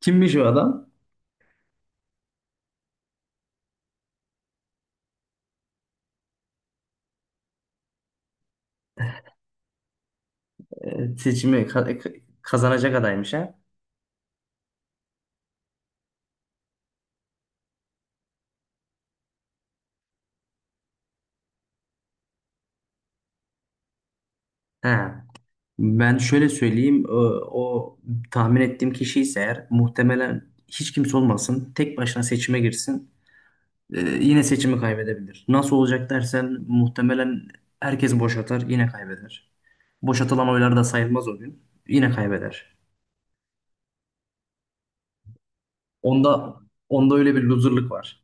Kimmiş o adam? Seçimi kazanacak adaymış ha? Ha. Ben şöyle söyleyeyim, o, o tahmin ettiğim kişi ise eğer muhtemelen hiç kimse olmasın, tek başına seçime girsin, yine seçimi kaybedebilir. Nasıl olacak dersen muhtemelen herkes boşatar, yine kaybeder. Boşatılan oylar da sayılmaz o gün, yine kaybeder. Onda onda öyle bir loserlık var.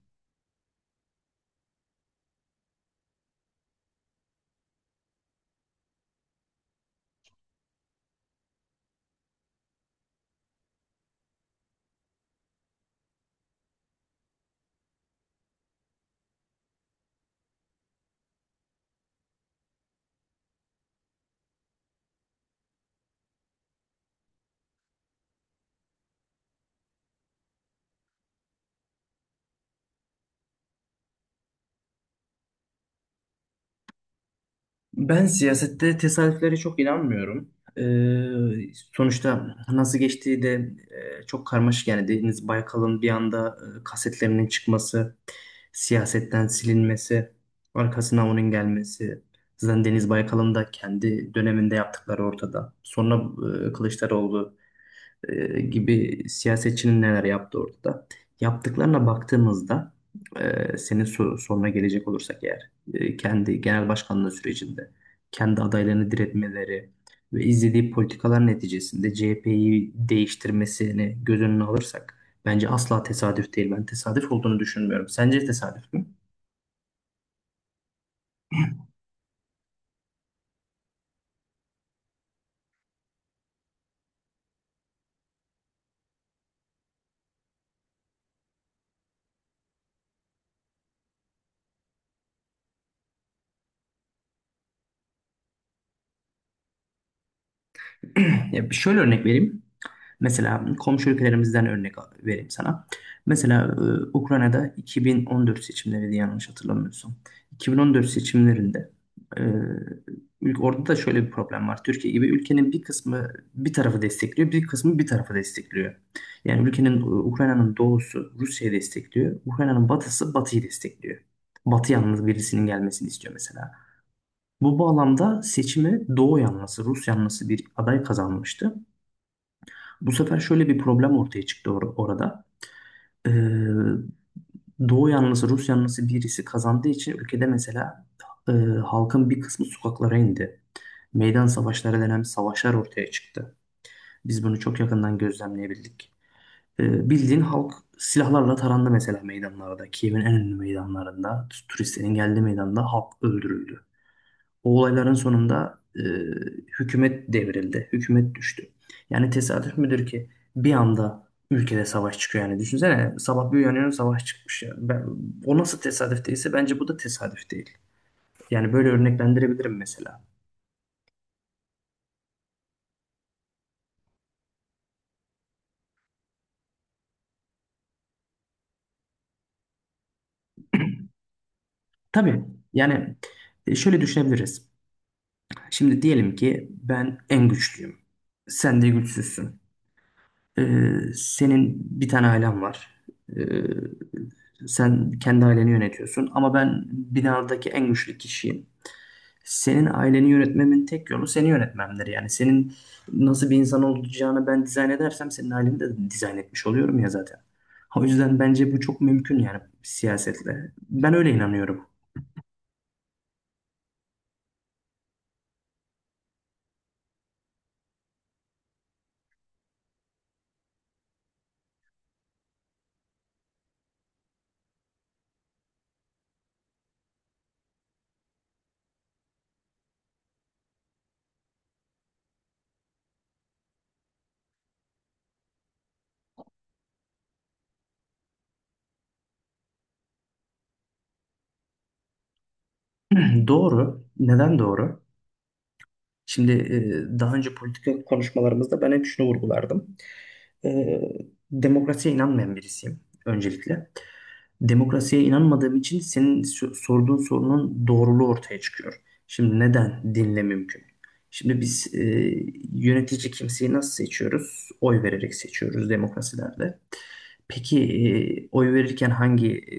Ben siyasette tesadüflere çok inanmıyorum. Sonuçta nasıl geçtiği de çok karmaşık. Yani Deniz Baykal'ın bir anda kasetlerinin çıkması, siyasetten silinmesi, arkasına onun gelmesi. Zaten Deniz Baykal'ın da kendi döneminde yaptıkları ortada. Sonra Kılıçdaroğlu gibi siyasetçinin neler yaptığı ortada. Yaptıklarına baktığımızda senin soruna gelecek olursak eğer kendi genel başkanlığı sürecinde kendi adaylarını diretmeleri ve izlediği politikalar neticesinde CHP'yi değiştirmesini göz önüne alırsak bence asla tesadüf değil. Ben tesadüf olduğunu düşünmüyorum. Sence tesadüf mü? Ya bir şöyle örnek vereyim. Mesela komşu ülkelerimizden örnek vereyim sana. Mesela Ukrayna'da 2014 seçimleriydi, yanlış hatırlamıyorsam. 2014 seçimlerinde e, orada da şöyle bir problem var. Türkiye gibi ülkenin bir kısmı bir tarafı destekliyor, bir kısmı bir tarafı destekliyor. Yani Ukrayna'nın doğusu Rusya'yı destekliyor, Ukrayna'nın batısı Batı'yı destekliyor. Batı yalnız birisinin gelmesini istiyor mesela. Bu bağlamda seçimi Doğu yanlısı, Rus yanlısı bir aday kazanmıştı. Bu sefer şöyle bir problem ortaya çıktı orada. Ee, Doğu yanlısı, Rus yanlısı birisi kazandığı için ülkede mesela e, halkın bir kısmı sokaklara indi. Meydan savaşları denen savaşlar ortaya çıktı. Biz bunu çok yakından gözlemleyebildik. Bildiğin halk silahlarla tarandı mesela meydanlarda. Kiev'in en ünlü meydanlarında, turistlerin geldiği meydanda halk öldürüldü. O olayların sonunda hükümet devrildi. Hükümet düştü. Yani tesadüf müdür ki bir anda ülkede savaş çıkıyor yani. Düşünsene, sabah bir uyanıyorum, savaş çıkmış yani. Ben, o nasıl tesadüf değilse bence bu da tesadüf değil. Yani böyle örneklendirebilirim mesela. Tabii yani şöyle düşünebiliriz. Şimdi diyelim ki ben en güçlüyüm. Sen de güçsüzsün. Ee, Senin bir tane ailen var. Ee, Sen kendi aileni yönetiyorsun ama ben binadaki en güçlü kişiyim. Senin aileni yönetmemin tek yolu seni yönetmemdir. Yani senin nasıl bir insan olacağını ben dizayn edersem senin aileni de dizayn etmiş oluyorum ya zaten. O yüzden bence bu çok mümkün yani siyasetle. Ben öyle inanıyorum. Doğru. Neden doğru? Şimdi daha önce politika konuşmalarımızda ben hep şunu vurgulardım. E, Demokrasiye inanmayan birisiyim öncelikle. Demokrasiye inanmadığım için senin sorduğun sorunun doğruluğu ortaya çıkıyor. Şimdi neden dinle mümkün? Şimdi biz yönetici kimseyi nasıl seçiyoruz? Oy vererek seçiyoruz demokrasilerde. Peki oy verirken hangi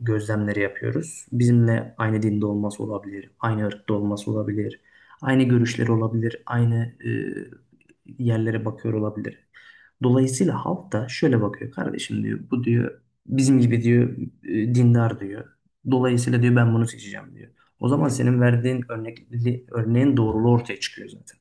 gözlemleri yapıyoruz? Bizimle aynı dinde olması olabilir, aynı ırkta olması olabilir, aynı görüşleri olabilir, aynı yerlere bakıyor olabilir. Dolayısıyla halk da şöyle bakıyor: kardeşim diyor, bu diyor bizim gibi diyor, dindar diyor. Dolayısıyla diyor ben bunu seçeceğim diyor. O zaman senin verdiğin örneğin doğruluğu ortaya çıkıyor zaten.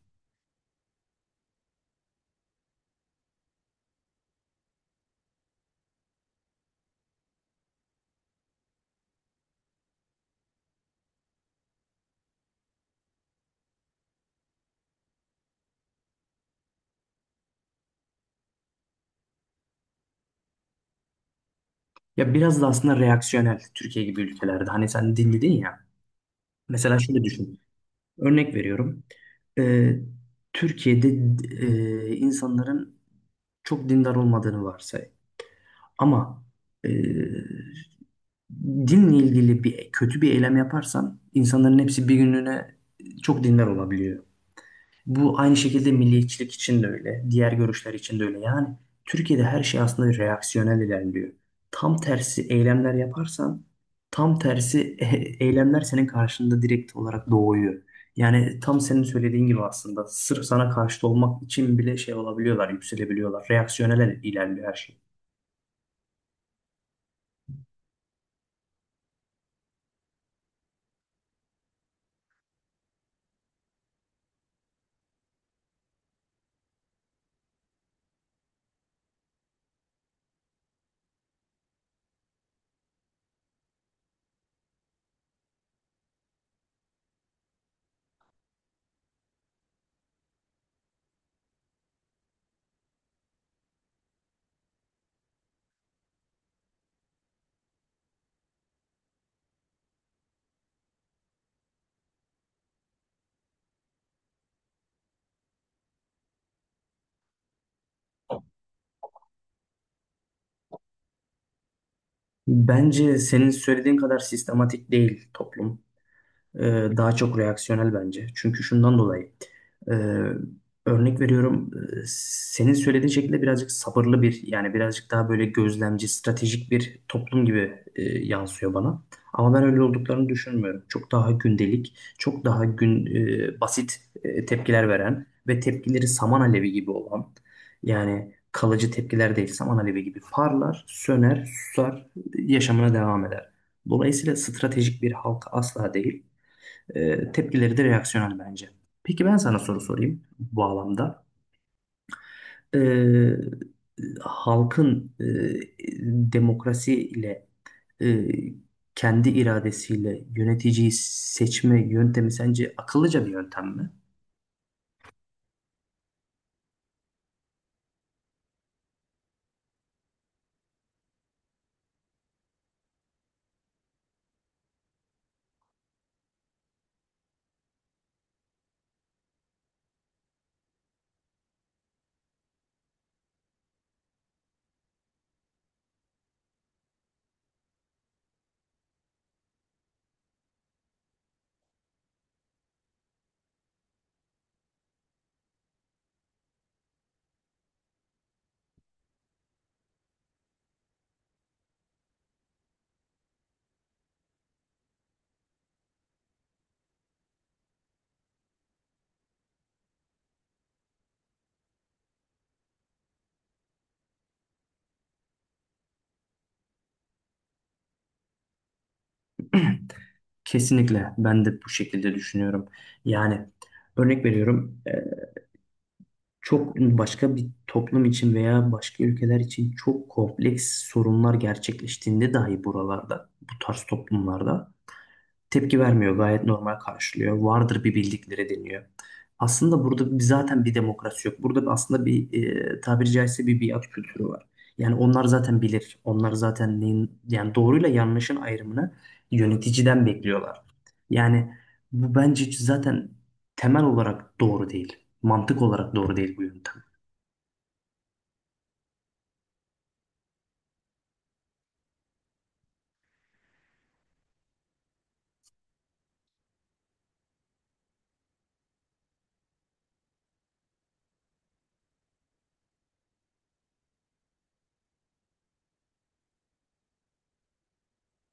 Ya biraz da aslında reaksiyonel Türkiye gibi ülkelerde. Hani sen din dedin ya. Mesela şöyle düşün. Örnek veriyorum. Ee, Türkiye'de insanların çok dindar olmadığını varsay. Ama e, dinle ilgili bir kötü bir eylem yaparsan insanların hepsi bir günlüğüne çok dindar olabiliyor. Bu aynı şekilde milliyetçilik için de öyle, diğer görüşler için de öyle. Yani Türkiye'de her şey aslında reaksiyonel ilerliyor. Tam tersi eylemler yaparsan, tam tersi eylemler senin karşında direkt olarak doğuyor. Yani tam senin söylediğin gibi aslında sırf sana karşıt olmak için bile şey olabiliyorlar, yükselebiliyorlar. Reaksiyonel ilerliyor her şey. Bence senin söylediğin kadar sistematik değil toplum. e, Daha çok reaksiyonel bence. Çünkü şundan dolayı, e, örnek veriyorum, e, senin söylediğin şekilde birazcık sabırlı bir, yani birazcık daha böyle gözlemci, stratejik bir toplum gibi yansıyor bana. Ama ben öyle olduklarını düşünmüyorum. Çok daha gündelik, çok daha gün e, basit tepkiler veren ve tepkileri saman alevi gibi olan, yani kalıcı tepkiler değil, saman alevi gibi parlar, söner, susar, yaşamına devam eder. Dolayısıyla stratejik bir halk asla değil. Tepkileri de reaksiyonel bence. Peki ben sana soru sorayım bu bağlamda. E, Halkın demokrasiyle e, kendi iradesiyle yöneticiyi seçme yöntemi sence akıllıca bir yöntem mi? Kesinlikle ben de bu şekilde düşünüyorum. Yani örnek veriyorum, çok başka bir toplum için veya başka ülkeler için çok kompleks sorunlar gerçekleştiğinde dahi buralarda, bu tarz toplumlarda tepki vermiyor, gayet normal karşılıyor. Vardır bir bildikleri deniyor. Aslında burada bir, zaten bir demokrasi yok. Burada aslında bir tabiri caizse bir biat kültürü var. Yani onlar zaten bilir. Onlar zaten neyin, yani doğruyla yanlışın ayrımını yöneticiden bekliyorlar. Yani bu bence zaten temel olarak doğru değil. Mantık olarak doğru değil bu yöntem.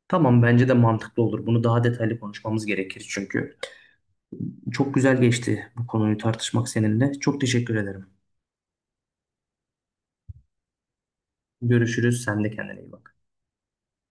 Tamam, bence de mantıklı olur. Bunu daha detaylı konuşmamız gerekir çünkü. Çok güzel geçti bu konuyu tartışmak seninle. Çok teşekkür ederim. Görüşürüz. Sen de kendine iyi bak.